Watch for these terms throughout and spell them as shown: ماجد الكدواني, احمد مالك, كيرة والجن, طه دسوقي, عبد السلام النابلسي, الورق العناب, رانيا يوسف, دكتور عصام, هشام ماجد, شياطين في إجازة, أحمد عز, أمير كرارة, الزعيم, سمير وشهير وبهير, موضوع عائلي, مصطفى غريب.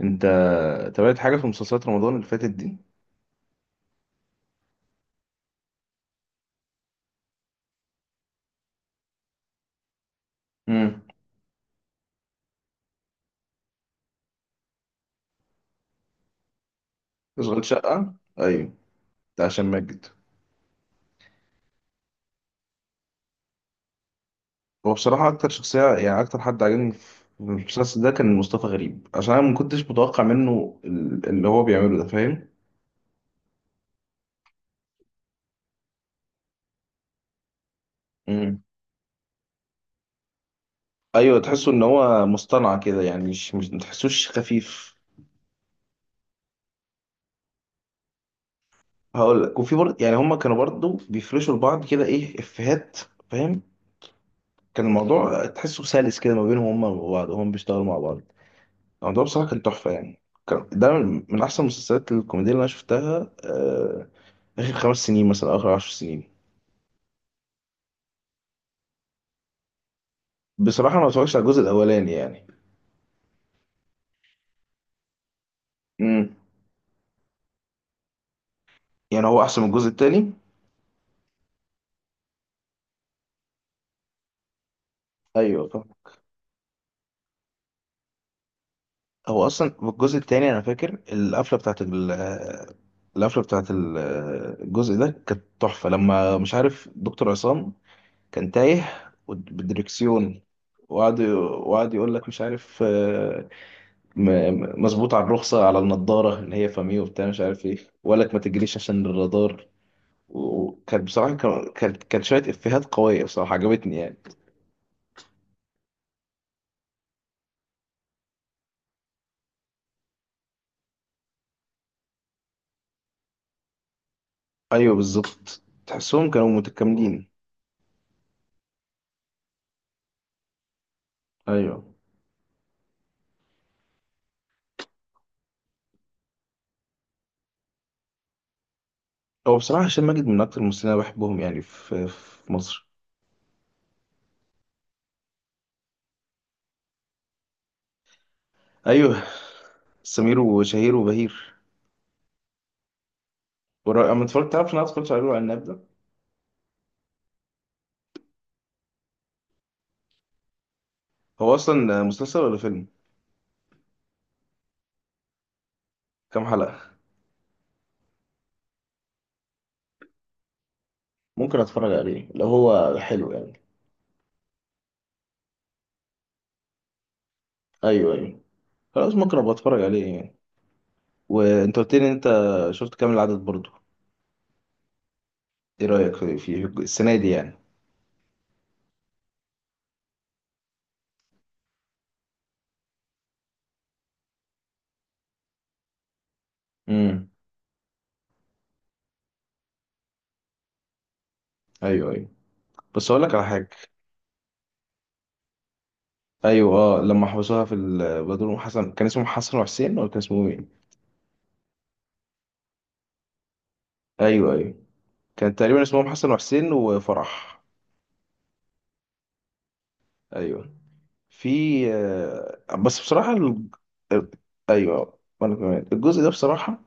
انت تابعت حاجه في مسلسلات رمضان اللي فاتت دي؟ امم اشغال شقه. ايوه، بتاع هشام ماجد. هو بصراحه اكتر شخصيه، يعني اكتر حد عجبني في المسلسل ده كان مصطفى غريب، عشان انا ما كنتش متوقع منه اللي هو بيعمله ده، فاهم؟ امم ايوه، تحسه ان هو مصطنع كده، يعني مش ما تحسوش خفيف. هقول لك، وفي برضه يعني هما كانوا برضه بيفرشوا لبعض كده ايه افيهات، فاهم. كان الموضوع تحسه سلس كده ما بينهم هما وبعض، وهم بيشتغلوا مع بعض. الموضوع بصراحة كان تحفة يعني. كان ده من أحسن المسلسلات الكوميدية اللي أنا شفتها، آخر 5 سنين مثلا، أو آخر 10 سنين. بصراحة أنا ما اتفرجتش على الجزء الأولاني يعني. امم يعني هو أحسن من الجزء التاني؟ أيوه طبعا. هو أصلا في الجزء التاني أنا فاكر القفلة بتاعت الجزء ده كانت تحفة، لما مش عارف دكتور عصام كان تايه بالدركسيون، وقعد يقول لك مش عارف، مظبوط على الرخصة، على النضارة اللي هي فامي وبتاع مش عارف ايه، وقالك ما تجريش عشان الرادار. وكان بصراحة، كان شوية إفيهات قوية بصراحة عجبتني يعني. أيوه بالظبط، تحسهم كانوا متكاملين. أيوه. هو بصراحة هشام ماجد من أكتر الممثلين اللي أنا بحبهم يعني في مصر. أيوه، سمير وشهير وبهير. أما اتفرجت، تعرف إن أنا اتفرجت على الورق العناب ده؟ هو أصلا مسلسل ولا فيلم؟ كام حلقة؟ ممكن أتفرج عليه لو هو حلو يعني. أيوه أيوه، خلاص ممكن أبقى أتفرج عليه يعني. وانت قلت لي ان انت شفت كامل العدد برضو، ايه رايك في السنه دي يعني؟ امم ايوه ايوه. بس اقول لك على حاجه. ايوه، اه لما حبسوها بدور أم حسن، كان اسمهم حسن وحسين، ولا كان اسمهم ايه؟ ايوه ايوه، كان تقريبا اسمهم حسن وحسين وفرح. ايوه، في، بس بصراحه، ايوه، وانا كمان الجزء ده بصراحه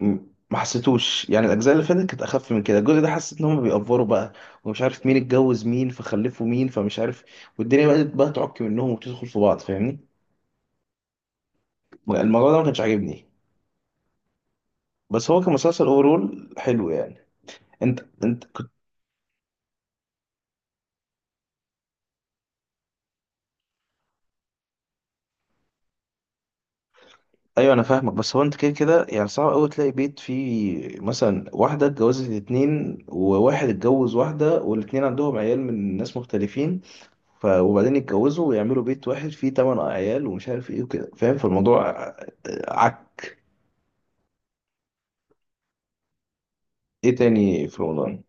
م- ما حسيتوش، يعني الاجزاء اللي فاتت كانت اخف من كده، الجزء ده حسيت ان هم بيأفوروا بقى، ومش عارف مين اتجوز مين، فخلفوا مين، فمش عارف، والدنيا بدأت بقى تعك منهم وتدخل في بعض، فاهمني. الموضوع ده ما كانش عاجبني، بس هو كمسلسل اوفرول حلو يعني. انت. ايوه انا فاهمك، بس هو انت كده كده يعني صعب قوي تلاقي بيت فيه مثلا واحده اتجوزت اتنين، وواحد اتجوز واحده، والاتنين عندهم عيال من ناس مختلفين، وبعدين يتجوزوا ويعملوا بيت واحد فيه 8 عيال، ومش عارف ايه وكده، فاهم، فالموضوع عك. ايه تاني في رمضان؟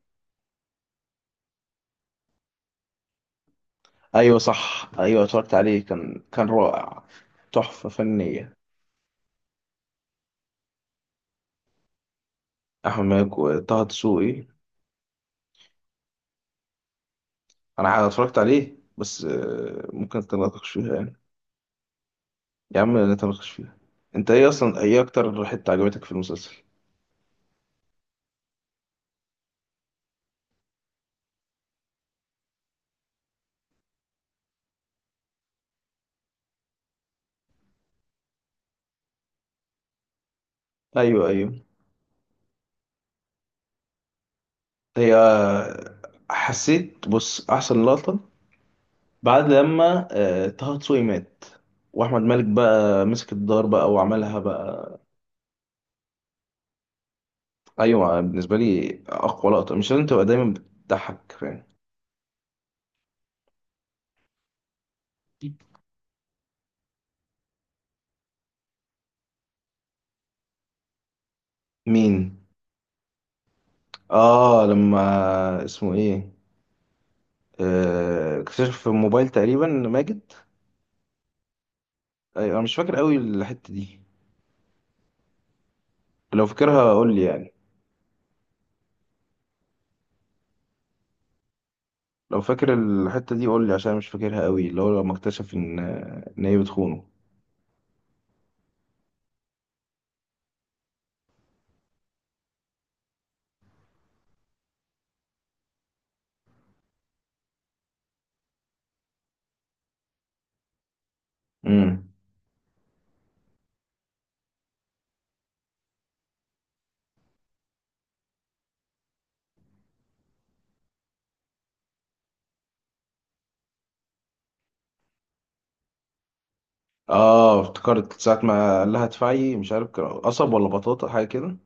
ايوه صح، ايوه اتفرجت عليه، كان رائع. تحفه فنيه. احمد مالك وطه دسوقي. انا اتفرجت عليه، بس ممكن اختلطك شويه يعني. يا عم لا تناقش فيها. انت ايه اصلا، ايه اكتر حتة عجبتك في المسلسل؟ ايوه ايوه. هي حسيت، بص، احسن لقطة بعد لما طه دسوقي مات، واحمد مالك بقى مسك الدار بقى وعملها بقى. ايوه بالنسبة لي اقوى لقطة مش لازم تبقى دايما بتضحك، فاهم. مين؟ اه لما اسمه ايه، اكتشف في الموبايل تقريبا ماجد. ايوه انا مش فاكر قوي الحتة دي، لو فاكرها قول لي يعني. لو فاكر الحتة دي قول لي، عشان أنا مش فاكرها قوي، اللي هو لما اكتشف ان هي بتخونه. امم اه افتكرت، ساعة ما قال لها ادفعي مش عارف، كان قصب ولا بطاطا، حاجة كده.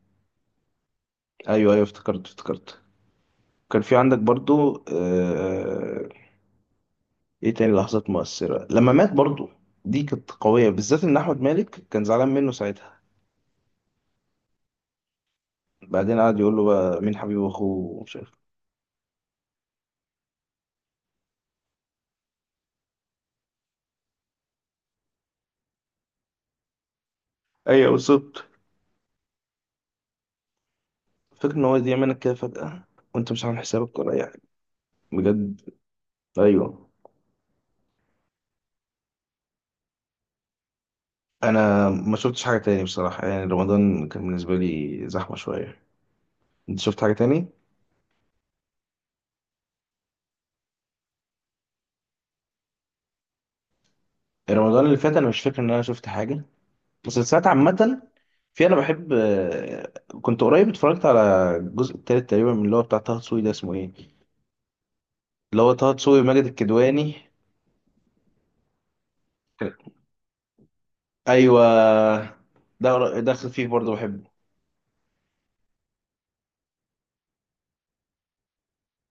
ايوه ايوه، افتكرت. كان في عندك برضو، ايه تاني لحظات مؤثرة، لما مات برضو، دي كانت قوية، بالذات ان احمد مالك كان زعلان منه ساعتها، بعدين قعد يقول له بقى مين حبيب اخوه، ومش عارف. ايوه بالظبط، فكرة ان هو يضيع منك كده فجأة، وانت مش عامل حسابك ولا اي حاجة، بجد. ايوه. انا ما شفتش حاجه تاني بصراحه، يعني رمضان كان بالنسبه لي زحمه شويه. انت شفت حاجه تاني؟ رمضان اللي فات انا مش فاكر ان انا شفت حاجه، مسلسلات عامه. في، انا بحب، كنت قريب اتفرجت على الجزء التالت تقريبا من اللي هو بتاع طه دسوقي ده، اسمه ايه، اللي هو طه دسوقي وماجد الكدواني. ايوه، ده داخل فيه برضه بحبه.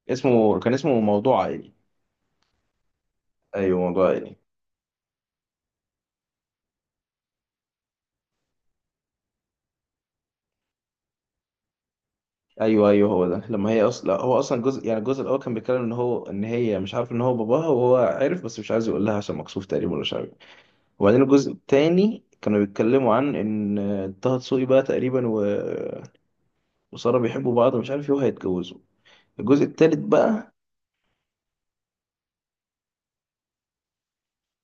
اسمه، كان اسمه موضوع عائلي. ايوه موضوع عائلي. ايوه ايوه، هو ده. لما هي اصلا هو اصلا، جزء يعني الجزء الاول كان بيتكلم ان هو ان هي مش عارف ان هو باباها، وهو عارف بس مش عايز يقول لها عشان مكسوف تقريبا، ولا مش عارف. وبعدين الجزء الثاني كانوا بيتكلموا عن ان طه دسوقي بقى تقريبا، وساره بيحبوا بعض، ومش عارف ايه وهيتجوزوا. الجزء الثالث بقى.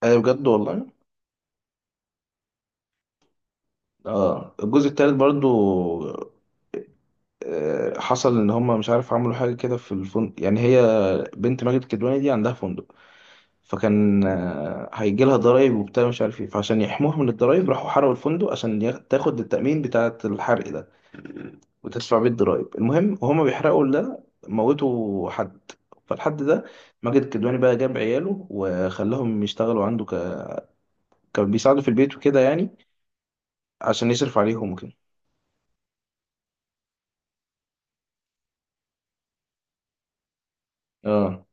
ايوه بجد والله. اه الجزء الثالث برضو، حصل ان هم مش عارف، عملوا حاجه كده في الفندق، يعني هي بنت ماجد الكدواني دي عندها فندق، فكان، هيجي لها ضرايب وبتاع مش عارف ايه، فعشان يحموها من الضرايب راحوا حرقوا الفندق، عشان تاخد التأمين بتاعة الحرق ده، وتدفع بيه الضرايب. المهم وهما بيحرقوا ده موتوا حد. فالحد ده، ماجد الكدواني بقى جاب عياله وخلاهم يشتغلوا عنده، كان بيساعده في البيت وكده يعني، عشان يصرف عليهم وكده. اه.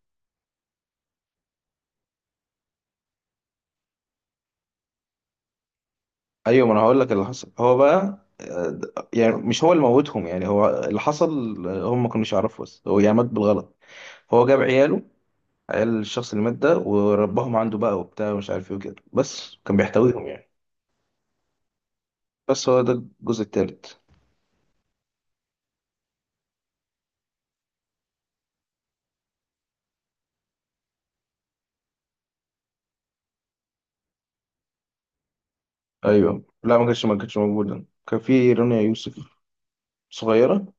ايوه ما انا هقول لك اللي حصل، هو بقى، يعني مش هو اللي موتهم، يعني هو اللي حصل، هم ما كانوش يعرفوا، بس هو يعني مات بالغلط. هو جاب عياله، عيال الشخص اللي مات ده، ورباهم عنده بقى وبتاع، ومش عارف ايه وكده، بس كان بيحتويهم يعني. بس هو ده الجزء التالت. ايوه لا، ما كانتش موجوده، كان في رانيا يوسف. صغيره.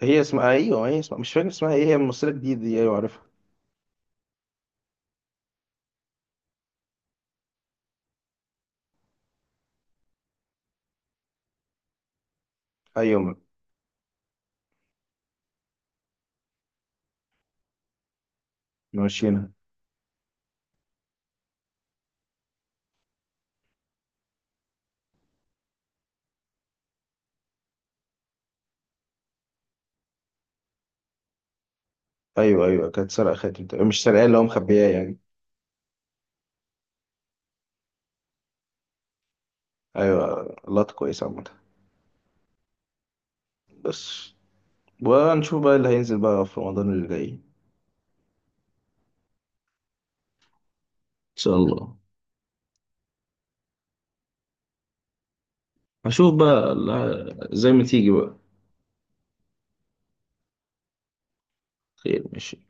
هي اسمها، ايوه هي اسمها مش فاكر اسمها ايه، هي ممثله جديده دي، ايوه عارفها. ايوه ماشيينها. ايوه ايوه كانت سارقه خاتم تقريبا، مش سارقاه اللي هو مخبياه يعني. ايوه لقطه كويسه عامه. بس. ونشوف بقى اللي هينزل بقى في رمضان اللي جاي، ان شاء الله. هشوف بقى، زي ما تيجي بقى. خير، ماشي.